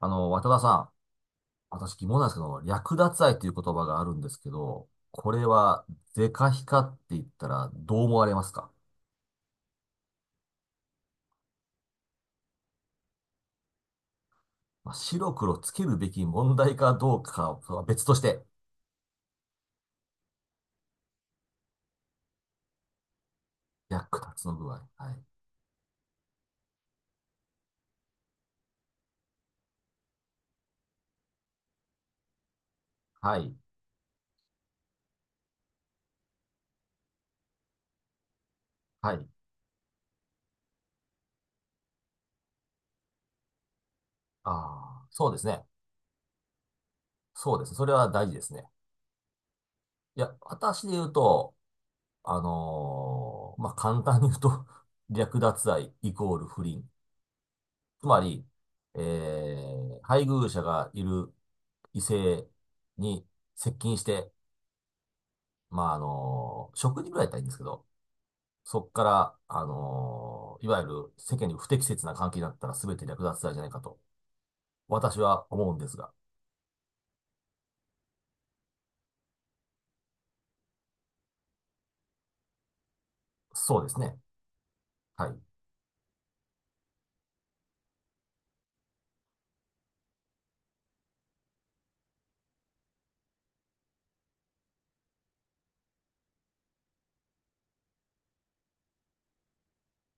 渡田さん、私疑問なんですけど、略奪愛という言葉があるんですけど、これは、是か非かって言ったらどう思われますか？まあ、白黒つけるべき問題かどうかは別として、略奪の具合。はい。はい。はい。ああ、そうですね。そうですね。それは大事ですね。いや、私で言うと、まあ、簡単に言うと、略奪愛イコール不倫。つまり、えー配偶者がいる異性に接近して、まあ、食事ぐらいだったらいいんですけど、そこから、いわゆる世間に不適切な関係になったら全て略奪罪じゃないかと、私は思うんですが。そうですね。はい。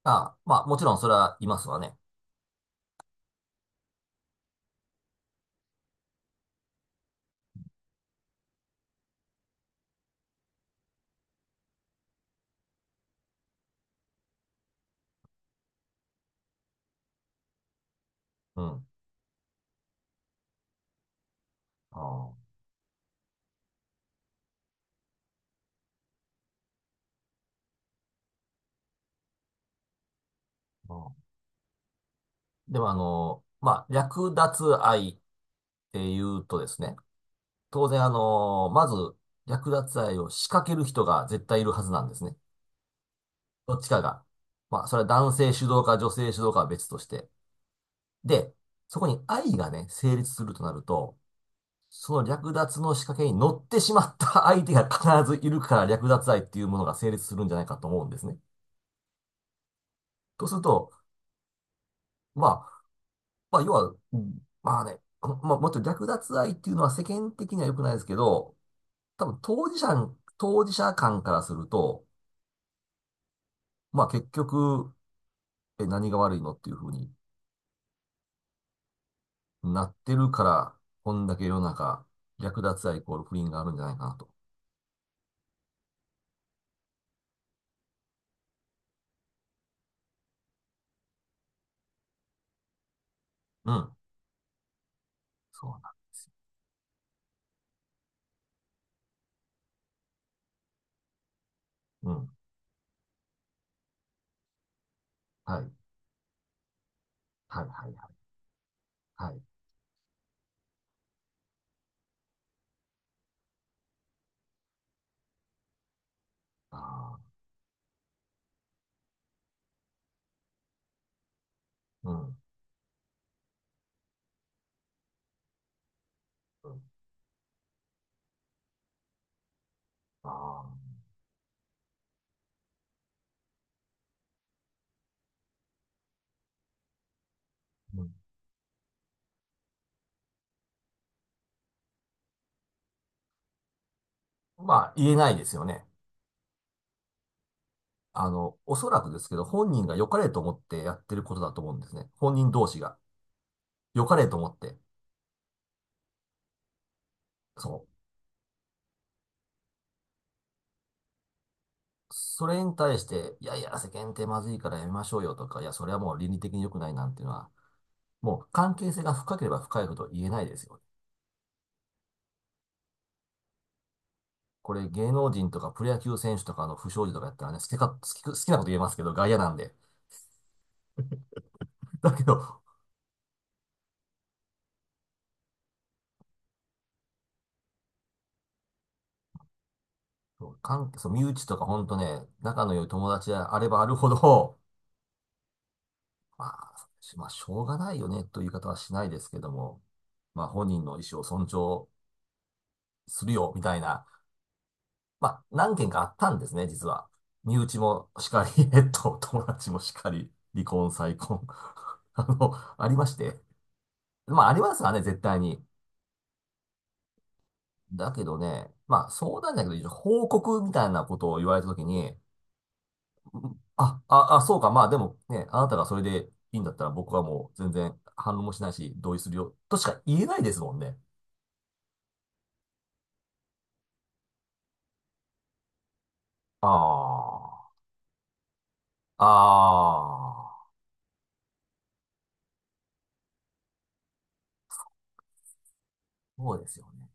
あ、まあ、もちろんそれはいますわね。うん。あーまあーでも、あの、まあ、略奪愛っていうとですね、当然、まず、略奪愛を仕掛ける人が絶対いるはずなんですね。どっちかが。まあ、それは男性主導か女性主導かは別として。で、そこに愛がね、成立するとなると、その略奪の仕掛けに乗ってしまった相手が必ずいるから略奪愛っていうものが成立するんじゃないかと思うんですね。とすると、まあ、要は、まあね、まあ、もっと略奪愛っていうのは世間的には良くないですけど、多分当事者間からすると、まあ結局、何が悪いのっていうふうになってるから、こんだけ世の中、略奪愛イコール不倫があるんじゃないかなと。うん。そうな。うん。はい。はい、はい、はい。はい。ああ、うん。うん、ああ、うん。まあ、言えないですよね。おそらくですけど、本人が良かれと思ってやってることだと思うんですね。本人同士が。良かれと思って。そう。それに対して、いやいや、世間ってまずいからやめましょうよとか、いや、それはもう倫理的に良くないなんていうのは、もう関係性が深ければ深いほど言えないですよね。これ芸能人とかプロ野球選手とかの不祥事とかやったらね、好きか、好き、好きなこと言えますけど、外野なんで。だけど、そう関係、そう、身内とかほんとね、仲の良い友達であればあるほど、まあ、しょうがないよねという言い方はしないですけども、まあ、本人の意思を尊重するよ、みたいな。まあ、何件かあったんですね、実は。身内もしかり、友達もしかり、離婚、再婚、あの、ありまして。まあ、ありますわね、絶対に。だけどね、まあ相談じゃないけど報告みたいなことを言われたときに、そうか、まあでもね、あなたがそれでいいんだったら僕はもう全然反論もしないし、同意するよ、としか言えないですもんね。ああ、ああ、そうですよね。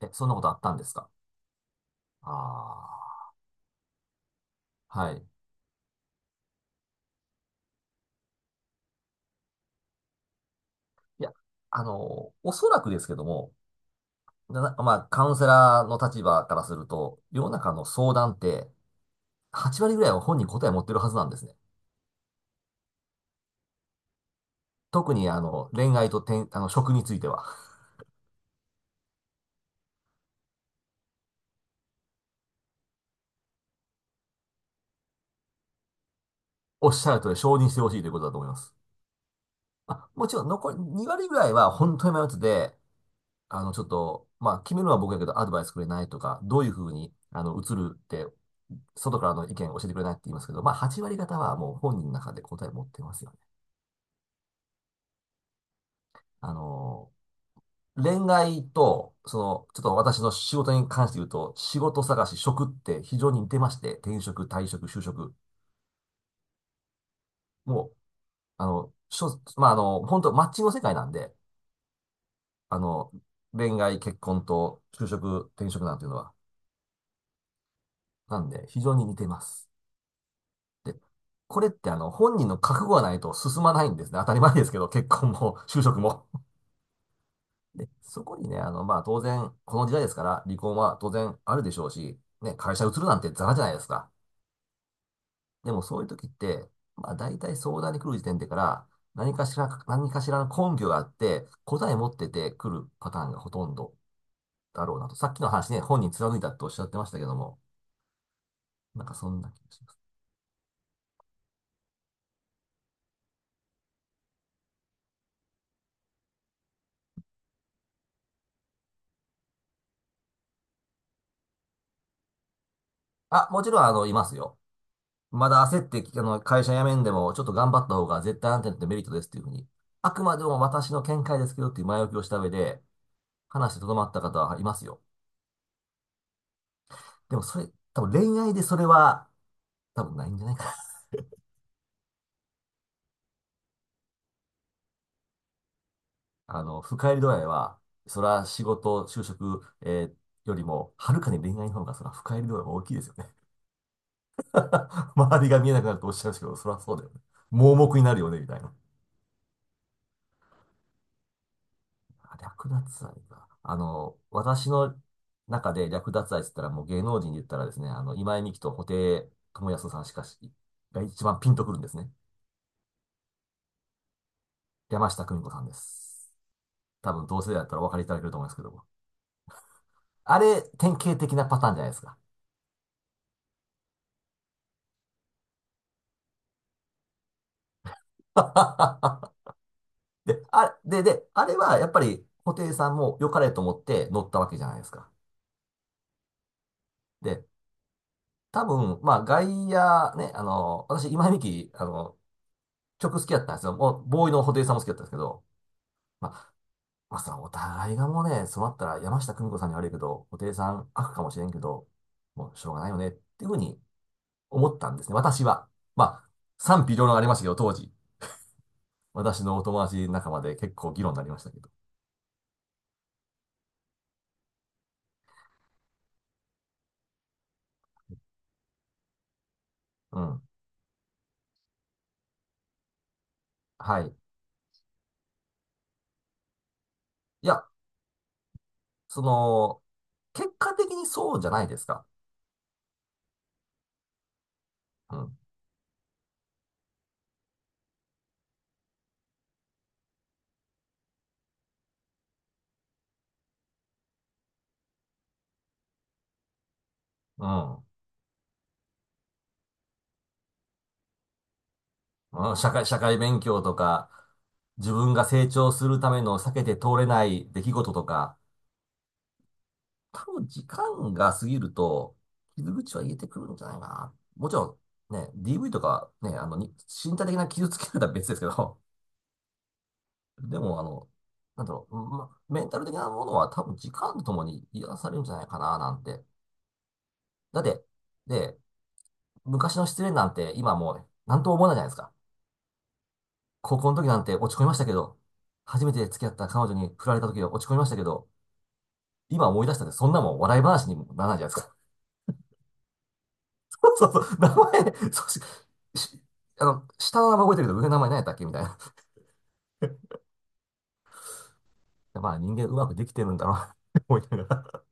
え、そんなことあったんですか？ああ。はい。いや、おそらくですけども、まあ、カウンセラーの立場からすると、世の中の相談って、8割ぐらいは本人答え持ってるはずなんですね。特に恋愛と転あの、職については、おっしゃる通り承認してほしいということだと思います。あ、もちろん残り2割ぐらいは本当に迷ってて、ちょっと、まあ、決めるのは僕やけどアドバイスくれないとか、どういうふうに、映るって、外からの意見教えてくれないって言いますけど、まあ、8割方はもう本人の中で答え持ってますよね。あの、恋愛と、その、ちょっと私の仕事に関して言うと、仕事探し、職って非常に似てまして、転職、退職、就職、もまあ、本当マッチングの世界なんで、あの、恋愛、結婚と就職、転職なんていうのは。なんで、非常に似てます。で、これって本人の覚悟がないと進まないんですね。当たり前ですけど、結婚も、就職も。で、そこにね、まあ、当然、この時代ですから、離婚は当然あるでしょうし、ね、会社移るなんてザラじゃないですか。でも、そういう時って、まあ、大体相談に来る時点でから、何かしらの根拠があって、答え持ってて来るパターンがほとんどだろうなと。さっきの話ね、本人貫いたっておっしゃってましたけども、なんかそんな気がします。あ、もちろん、いますよ。まだ焦って、会社辞めんでも、ちょっと頑張った方が絶対安定ってメリットですっていうふうに、あくまでも私の見解ですけどっていう前置きをした上で、話してとどまった方はいますよ。でもそれ、多分恋愛でそれは、多分ないんじゃないかな。深入り度合いは、それは仕事、就職、よりも、はるかに恋愛の方が、それは深入り度合いが大きいですよね。周りが見えなくなるとおっしゃるんですけど、それはそうだよね。盲目になるよね、みたいな。あ、略奪愛か。私の中で略奪愛って言ったら、もう芸能人で言ったらですね、今井美樹と布袋寅泰さんしかし、が一番ピンとくるんですね。山下久美子さんです。多分同世代だったらお分かりいただけると思いますけども。あれ、典型的なパターンじゃないですか。で、あれはやっぱり布袋さんも良かれと思って乗ったわけじゃないですか。で、多分、まあ、外野ね、私、今井美樹、曲好きだったんですよ。もう、ボーイの布袋さんも好きだったんですけど、ままあさ、そのお互いがもうね、そうなったら山下久美子さんに悪いけど、布袋さん悪かもしれんけど、もうしょうがないよねっていうふうに思ったんですね、私は。まあ、賛否両論ありましたけど、当時。私のお友達仲間で結構議論になりましたけど。うん。はい。いや、その、結果的にそうじゃないですか。うん。うん。うん、社会勉強とか、自分が成長するための避けて通れない出来事とか、多分時間が過ぎると、傷口は癒えてくるんじゃないかな。もちろん、ね、DV とか、ね、に身体的な傷つけられたら別ですけど、でも、なんだろう、ま、メンタル的なものは多分時間とともに癒されるんじゃないかな、なんて。だって、で、昔の失恋なんて今もうね、なんとも思わないじゃないですか。高校の時なんて落ち込みましたけど、初めて付き合った彼女に振られた時は落ち込みましたけど、今思い出したってそんなもん笑い話にもならないじゃないですか。そうそう、名前、そうし、しあの、下の名前覚えてるけど、上の名前何やったっけみたいな。まあ、人間うまくできてるんだろうなって思いながら。